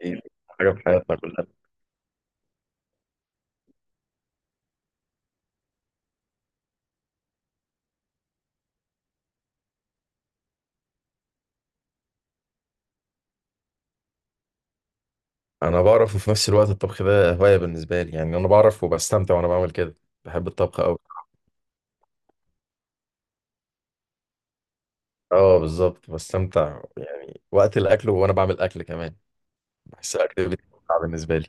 إيه، حاجة في حياتنا كلها. أنا بعرف، وفي نفس الوقت الطبخ ده هواية بالنسبة لي. يعني أنا بعرف وبستمتع وأنا بعمل كده، بحب الطبخ أوي. أه، بالظبط بستمتع يعني وقت الأكل وأنا بعمل أكل كمان. بحس الأكل بيتمتع بالنسبة لي.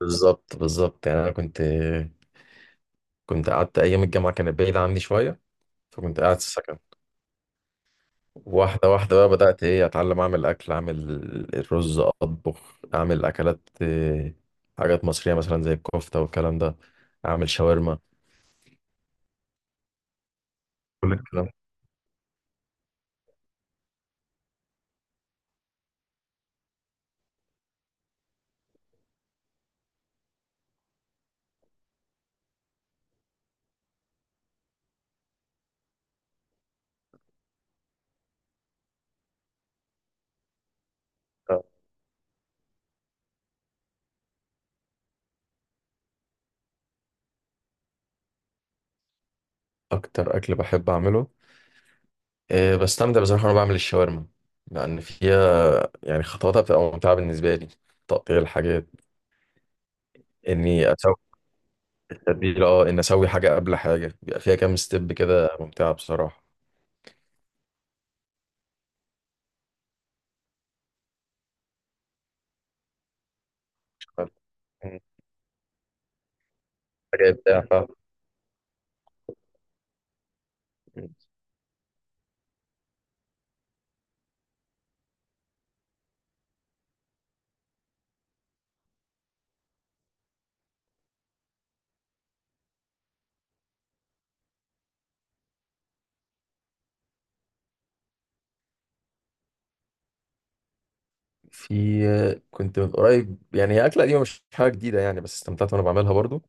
بالظبط بالظبط، يعني أنا كنت قعدت أيام الجامعة كانت بعيدة عني شوية، فكنت قاعد في السكن. واحدة واحدة بقى بدأت، إيه، أتعلم أعمل أكل، أعمل الرز، أطبخ، أعمل أكلات حاجات مصرية مثلا زي الكفتة والكلام ده، أعمل شاورما، كل الكلام ده. اكتر اكل بحب اعمله، أه بستمتع بصراحه وانا بعمل الشاورما، لان فيها يعني خطواتها بتبقى ممتعه بالنسبه لي. تقطيع الحاجات، اني اسوي التتبيله، اه، ان اسوي حاجه قبل حاجه، بيبقى فيها كام ستيب كده ممتعه بصراحه. مم. حاجه ابداع فعلا. مم. في، كنت من قريب، يعني هي اكله قديمه مش حاجه جديده يعني، بس استمتعت وانا بعملها برضو.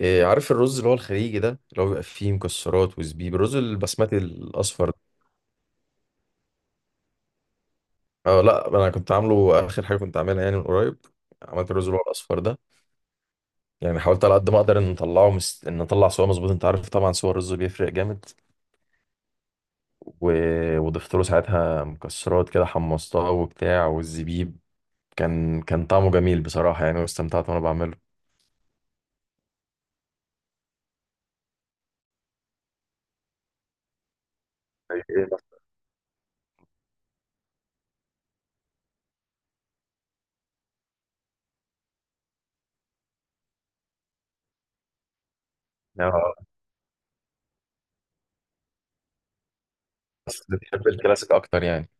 أه، عارف الرز اللي هو الخليجي ده اللي هو بيبقى فيه مكسرات وزبيب، الرز البسمتي الاصفر. اه، لا انا كنت عامله، اخر حاجه كنت عاملها يعني من قريب، عملت الرز اللي هو الاصفر ده. يعني حاولت على قد ما اقدر ان نطلعه ان نطلع صوره مظبوط، انت عارف طبعا صور الرز بيفرق جامد. و... وضفت له ساعتها مكسرات كده، حمصتها وبتاع والزبيب. كان طعمه جميل بصراحه يعني، واستمتعت وانا بعمله. زي ايه بس؟ آه، بس بتحب الكلاسيك اكتر يعني.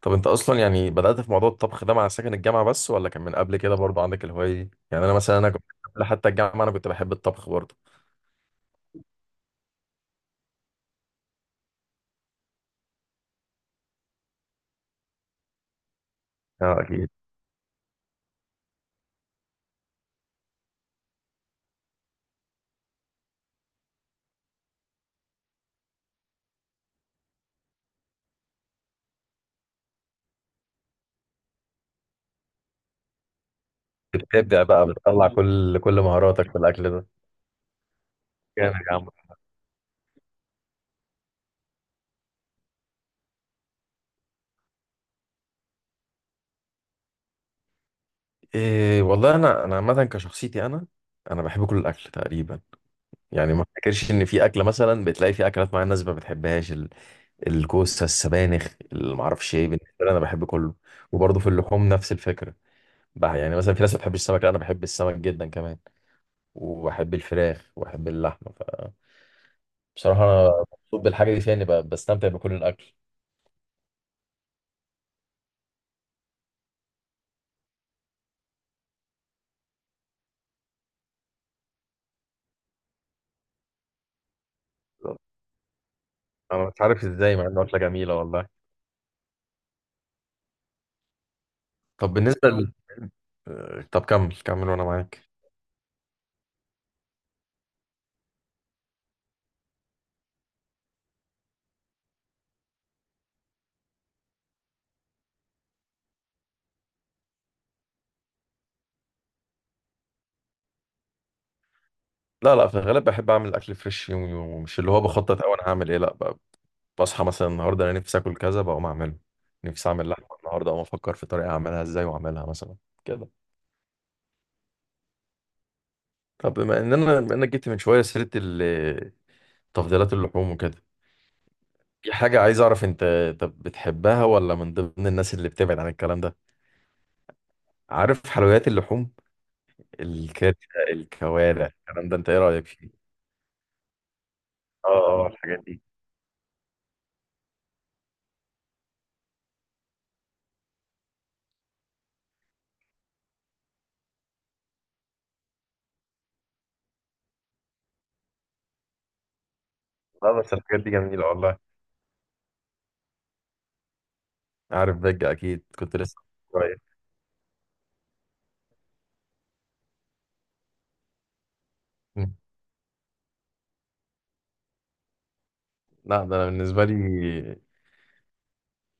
طب انت اصلا يعني بدات في موضوع الطبخ ده مع سكن الجامعه بس، ولا كان من قبل كده برضه عندك الهوايه دي؟ يعني انا مثلا انا كنت قبل حتى الجامعه، انا كنت بحب الطبخ برضه. اه اكيد. بتبدع بقى، بتطلع كل مهاراتك في الاكل ده. جامد يا عم. إيه والله، انا عامه كشخصيتي، انا انا بحب كل الاكل تقريبا. يعني ما افتكرش ان في اكله، مثلا بتلاقي في اكلات معينه الناس ما بتحبهاش، الكوسه، السبانخ، اللي ما اعرفش ايه، بالنسبه لي انا بحب كله. وبرضه في اللحوم نفس الفكره بقى، يعني مثلا في ناس ما بتحبش السمك، لا انا بحب السمك جدا كمان، وبحب الفراخ وبحب اللحمه. فبصراحه انا مبسوط بالحاجه دي فيها، اني بستمتع بكل الاكل. انا مش عارف ازاي، مع انه اكله جميله والله. طب بالنسبه ل... آه، طب كمل كمل وانا معاك. لا لا، في الغالب بحب اعمل اكل فريش يومي، ومش اللي هو بخطط او انا هعمل ايه، لا بصحى مثلا النهارده انا نفسي اكل كذا، بقوم اعمله. نفسي اعمل لحمه النهارده، اقوم افكر في طريقه اعملها ازاي واعملها مثلا كده. طب بما ان انا بما انك جبت من شويه سيره تفضيلات اللحوم وكده، في حاجه عايز اعرف، انت طب بتحبها ولا من ضمن الناس اللي بتبعد عن الكلام ده؟ عارف حلويات اللحوم، الكرشه، الكوارع، الكلام ده، انت ايه رايك فيه؟ اه، اه، الحاجات دي. لا بس الحاجات دي جميله والله. عارف بجة؟ أكيد كنت لسه قريب. مم. لا ده أنا بالنسبة لي،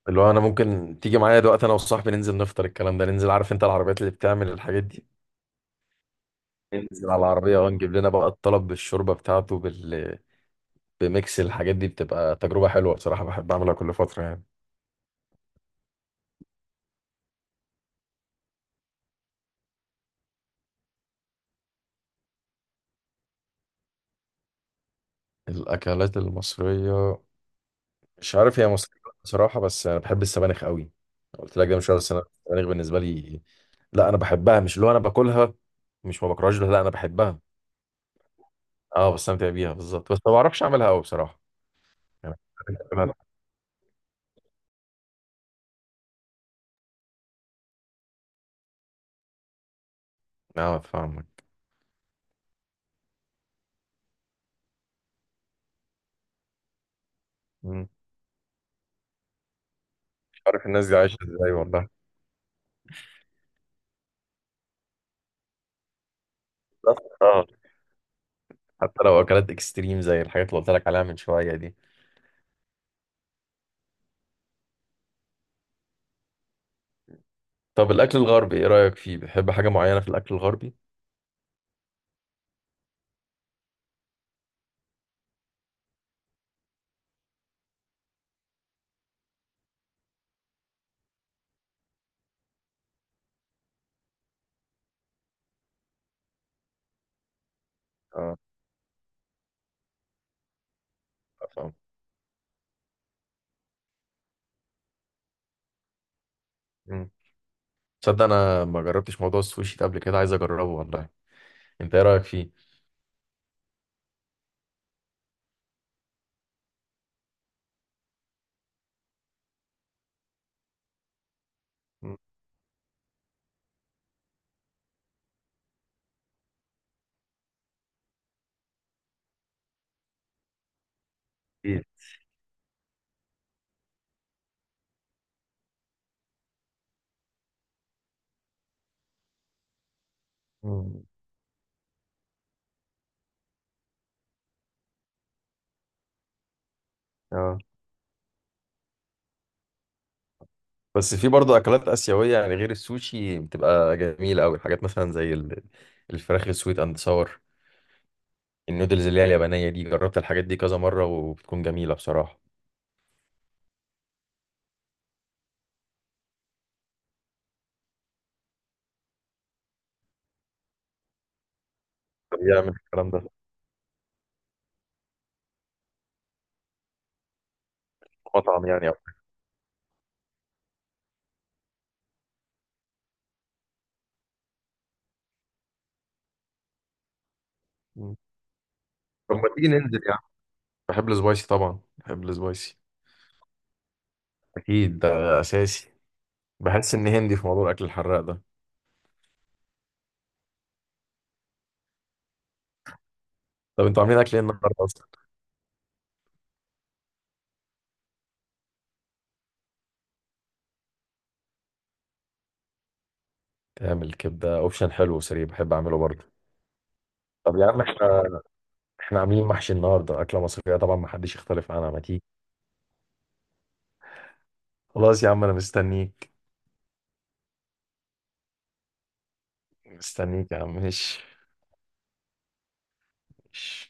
اللي هو أنا ممكن تيجي معايا دلوقتي، أنا وصاحبي ننزل نفطر الكلام ده، ننزل، عارف أنت العربيات اللي بتعمل الحاجات دي، ننزل على العربية أه، نجيب لنا بقى الطلب بالشوربة بتاعته بميكس الحاجات دي، بتبقى تجربة حلوة بصراحة، بحب أعملها كل فترة يعني. الأكلات المصرية، مش عارف هي مصرية بصراحة، بس أنا بحب السبانخ قوي. قلت لك ده مش عارف، بس أنا السبانخ بالنسبة لي، لا أنا بحبها، مش اللي هو أنا باكلها، مش ما بكرهاش، لا أنا بحبها. اه بستمتع بيها بالظبط، بس ما بعرفش اعملها قوي بصراحه يعني. أنا- اه فاهمك. مم. مش عارف الناس دي عايشه ازاي والله. بس، اه، حتى لو اكلات اكستريم زي الحاجات اللي قلت لك عليها من شويه دي. طب الاكل الغربي ايه رايك فيه؟ بتحب حاجه معينه في الاكل الغربي؟ اه فاهم. مم. تصدق انا ما جربتش موضوع السوشي ده قبل كده، عايز اجربه والله، انت ايه رايك فيه؟ مم. إيه؟ مم. اه بس في برضه اكلات اسيويه يعني غير السوشي، بتبقى جميله قوي، حاجات مثلا زي الفراخ السويت اند ساور، النودلز اللي هي اليابانية دي، جربت الحاجات دي كذا مرة وبتكون جميلة بصراحة. بيعمل الكلام ده في مطعم يعني أو. مم. طب ما تيجي ننزل يعني. بحب السبايسي طبعا، بحب السبايسي. أكيد ده أساسي، بحس إن هندي في موضوع الأكل الحراق ده. طب أنتوا عاملين أكل إيه النهاردة أصلا؟ تعمل كبدة، أوبشن حلو وسريع، بحب أعمله برضه. طب يا عم، إحنا عاملين محشي النهاردة، أكلة مصرية طبعا ما حدش يختلف عنها، ما تيجي. خلاص يا عم أنا مستنيك، مستنيك يا عم، ماشي. ماشي.